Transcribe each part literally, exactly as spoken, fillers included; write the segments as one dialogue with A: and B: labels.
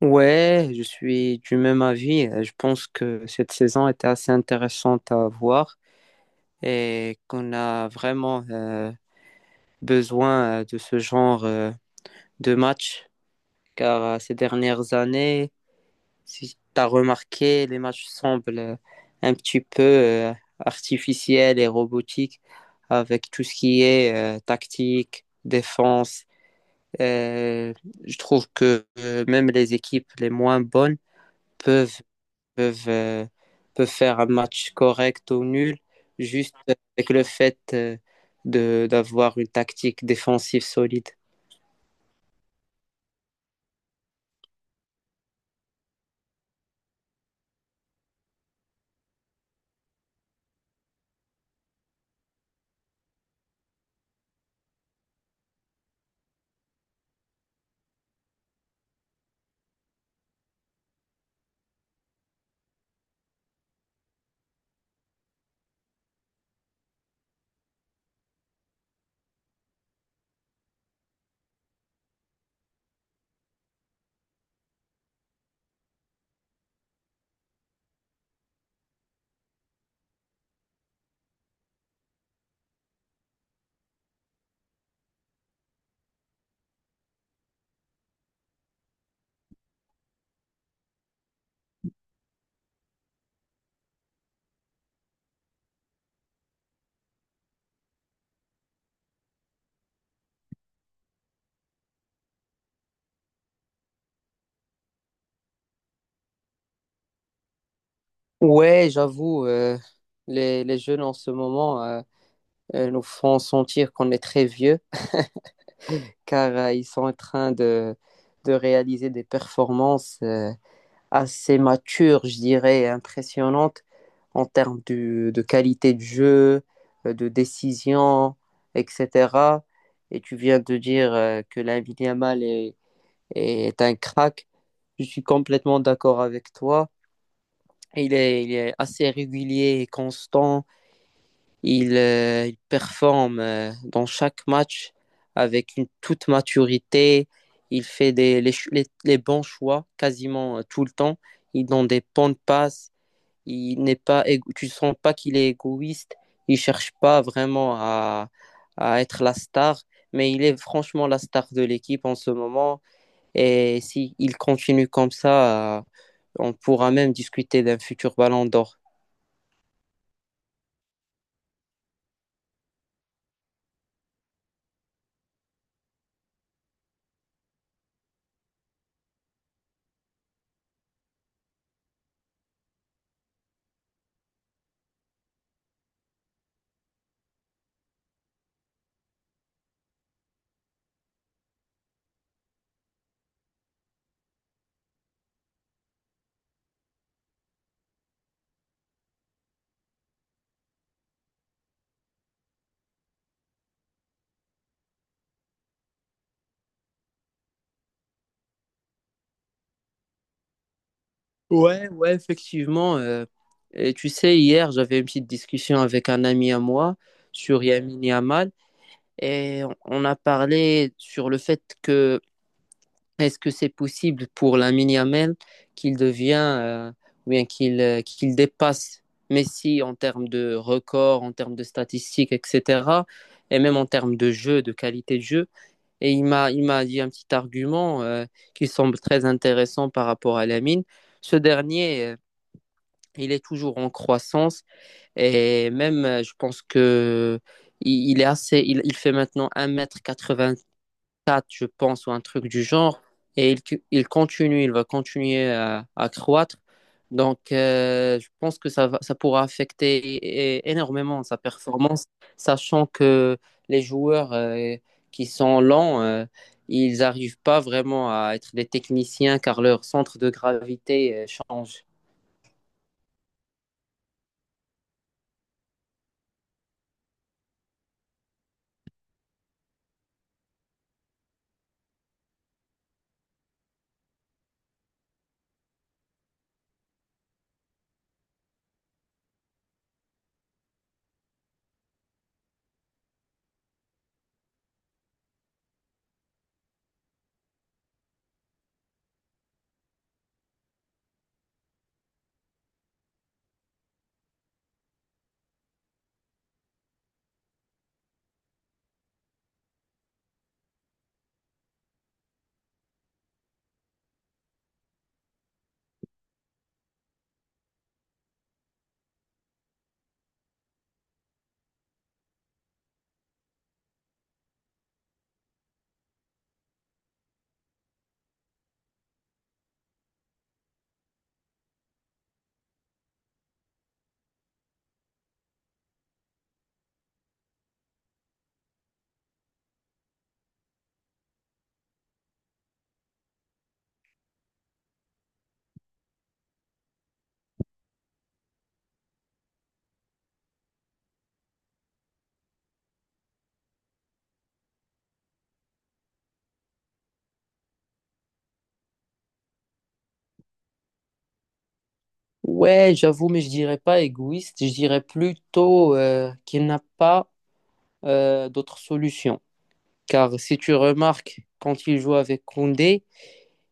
A: Ouais, je suis du même avis. Euh, Je pense que cette saison était assez intéressante à voir et qu'on a vraiment euh, besoin euh, de ce genre euh, de match car euh, ces dernières années, si tu as remarqué, les matchs semblent euh, un petit peu euh, artificiels et robotiques avec tout ce qui est euh, tactique, défense. Euh, je trouve que euh, même les équipes les moins bonnes peuvent peuvent, euh, peuvent faire un match correct ou nul, juste avec le fait euh, de, d'avoir une tactique défensive solide. Ouais, j'avoue, euh, les, les jeunes en ce moment euh, euh, nous font sentir qu'on est très vieux, car euh, ils sont en train de, de réaliser des performances euh, assez mature, je dirais, et impressionnante en termes de, de qualité de jeu, euh, de décision, et cetera. Et tu viens de dire euh, que Lamine Yamal est, est un crack. Je suis complètement d'accord avec toi. Il est, il est assez régulier et constant. Il, euh, il performe euh, dans chaque match avec une toute maturité. Il fait des, les, ch- les- les bons choix quasiment euh, tout le temps. Il donne des bonnes passes. Il n'est pas, égo- tu sens pas qu'il est égoïste. Il cherche pas vraiment à, à être la star, mais il est franchement la star de l'équipe en ce moment. Et si il continue comme ça, euh, on pourra même discuter d'un futur Ballon d'Or. Ouais, ouais, effectivement. Euh, et tu sais, hier, j'avais une petite discussion avec un ami à moi sur Yamin Yamal et on on a parlé sur le fait que est-ce que c'est possible pour Lamine Yamal qu'il devient, euh, ou bien qu'il euh, qu'il dépasse Messi en termes de records, en termes de statistiques, et cetera. Et même en termes de jeu, de qualité de jeu. Et il m'a, il m'a dit un petit argument euh, qui semble très intéressant par rapport à Lamine. Ce dernier euh, il est toujours en croissance et même euh, je pense que il, il est assez il, il fait maintenant un mètre quatre-vingt-quatre je pense ou un truc du genre et il, cu- il continue il va continuer à, à croître donc euh, je pense que ça va- ça pourra affecter é- énormément sa performance sachant que les joueurs euh, qui sont lents euh, ils n'arrivent pas vraiment à être des techniciens car leur centre de gravité euh, change. Ouais, j'avoue, mais je dirais pas égoïste, je dirais plutôt euh, qu'il n'a pas euh, d'autre solution. Car si tu remarques, quand il joue avec Koundé,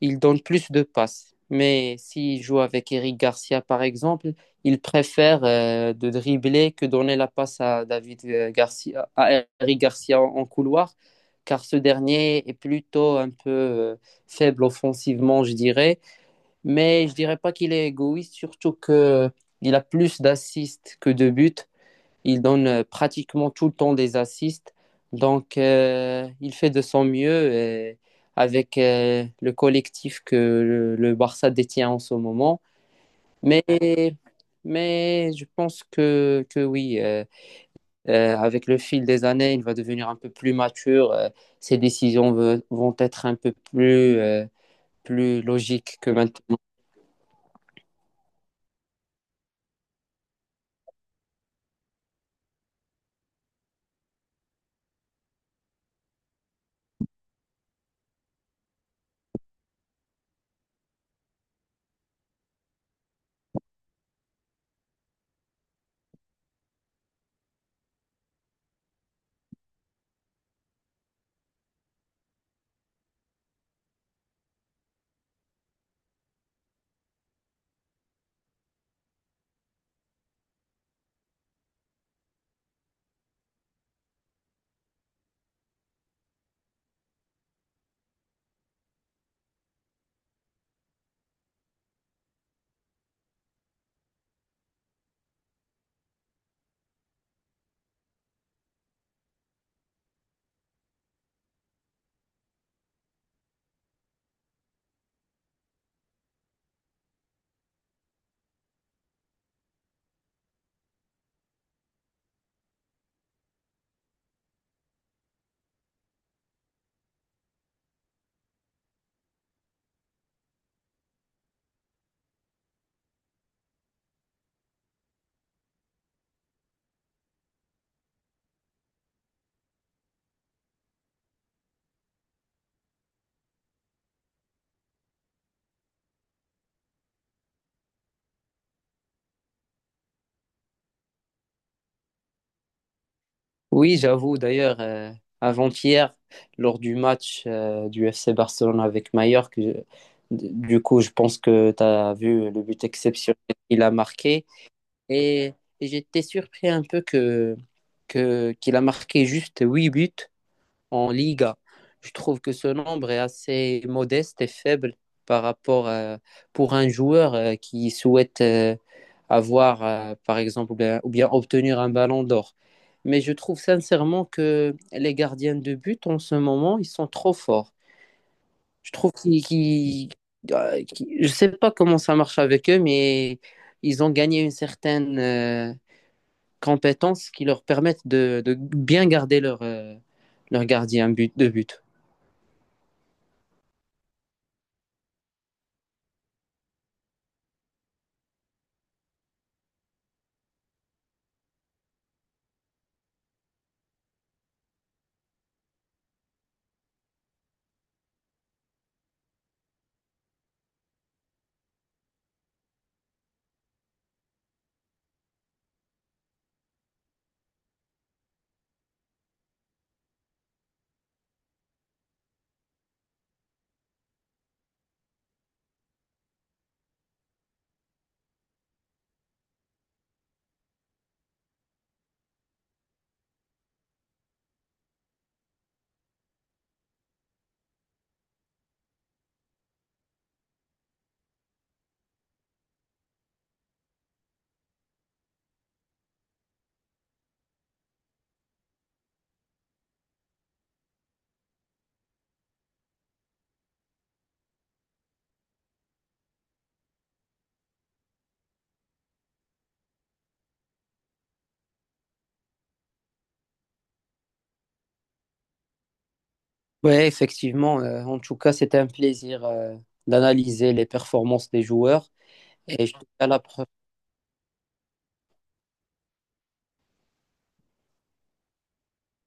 A: il donne plus de passes. Mais s'il joue avec Eric Garcia, par exemple, il préfère euh, de dribbler que donner la passe à David euh, Garcia, à Eric Garcia en, en couloir, car ce dernier est plutôt un peu euh, faible offensivement, je dirais, mais je dirais pas qu'il est égoïste, surtout que il a plus d'assists que de buts. Il donne euh, pratiquement tout le temps des assists. Donc, euh, il fait de son mieux et avec euh, le collectif que le, le Barça détient en ce moment. Mais, mais je pense que, que oui, euh, euh, avec le fil des années, il va devenir un peu plus mature. Euh, ses décisions ve- vont être un peu plus, euh, plus logiques que maintenant. Oui, j'avoue. D'ailleurs, euh, avant-hier, lors du match euh, du F C Barcelone avec Mallorca, je- du coup, je pense que tu as vu le but exceptionnel qu'il a marqué. Et, et j'étais surpris un peu que, que, qu'il a marqué juste huit buts en Liga. Je trouve que ce nombre est assez modeste et faible par rapport euh, pour un joueur euh, qui souhaite euh, avoir, euh, par exemple, ou bien, ou bien obtenir un ballon d'or. Mais je trouve sincèrement que les gardiens de but en ce moment, ils sont trop forts. Je trouve qu'ils, qu'ils- euh, qu'ils- je sais pas comment ça marche avec eux, mais ils ont gagné une certaine euh, compétence qui leur permettent de, de bien garder leur, euh, leur gardien but, de but. Oui, effectivement. Euh, en tout cas, c'était un plaisir euh, d'analyser les performances des joueurs. Et je te dis à la prochaine.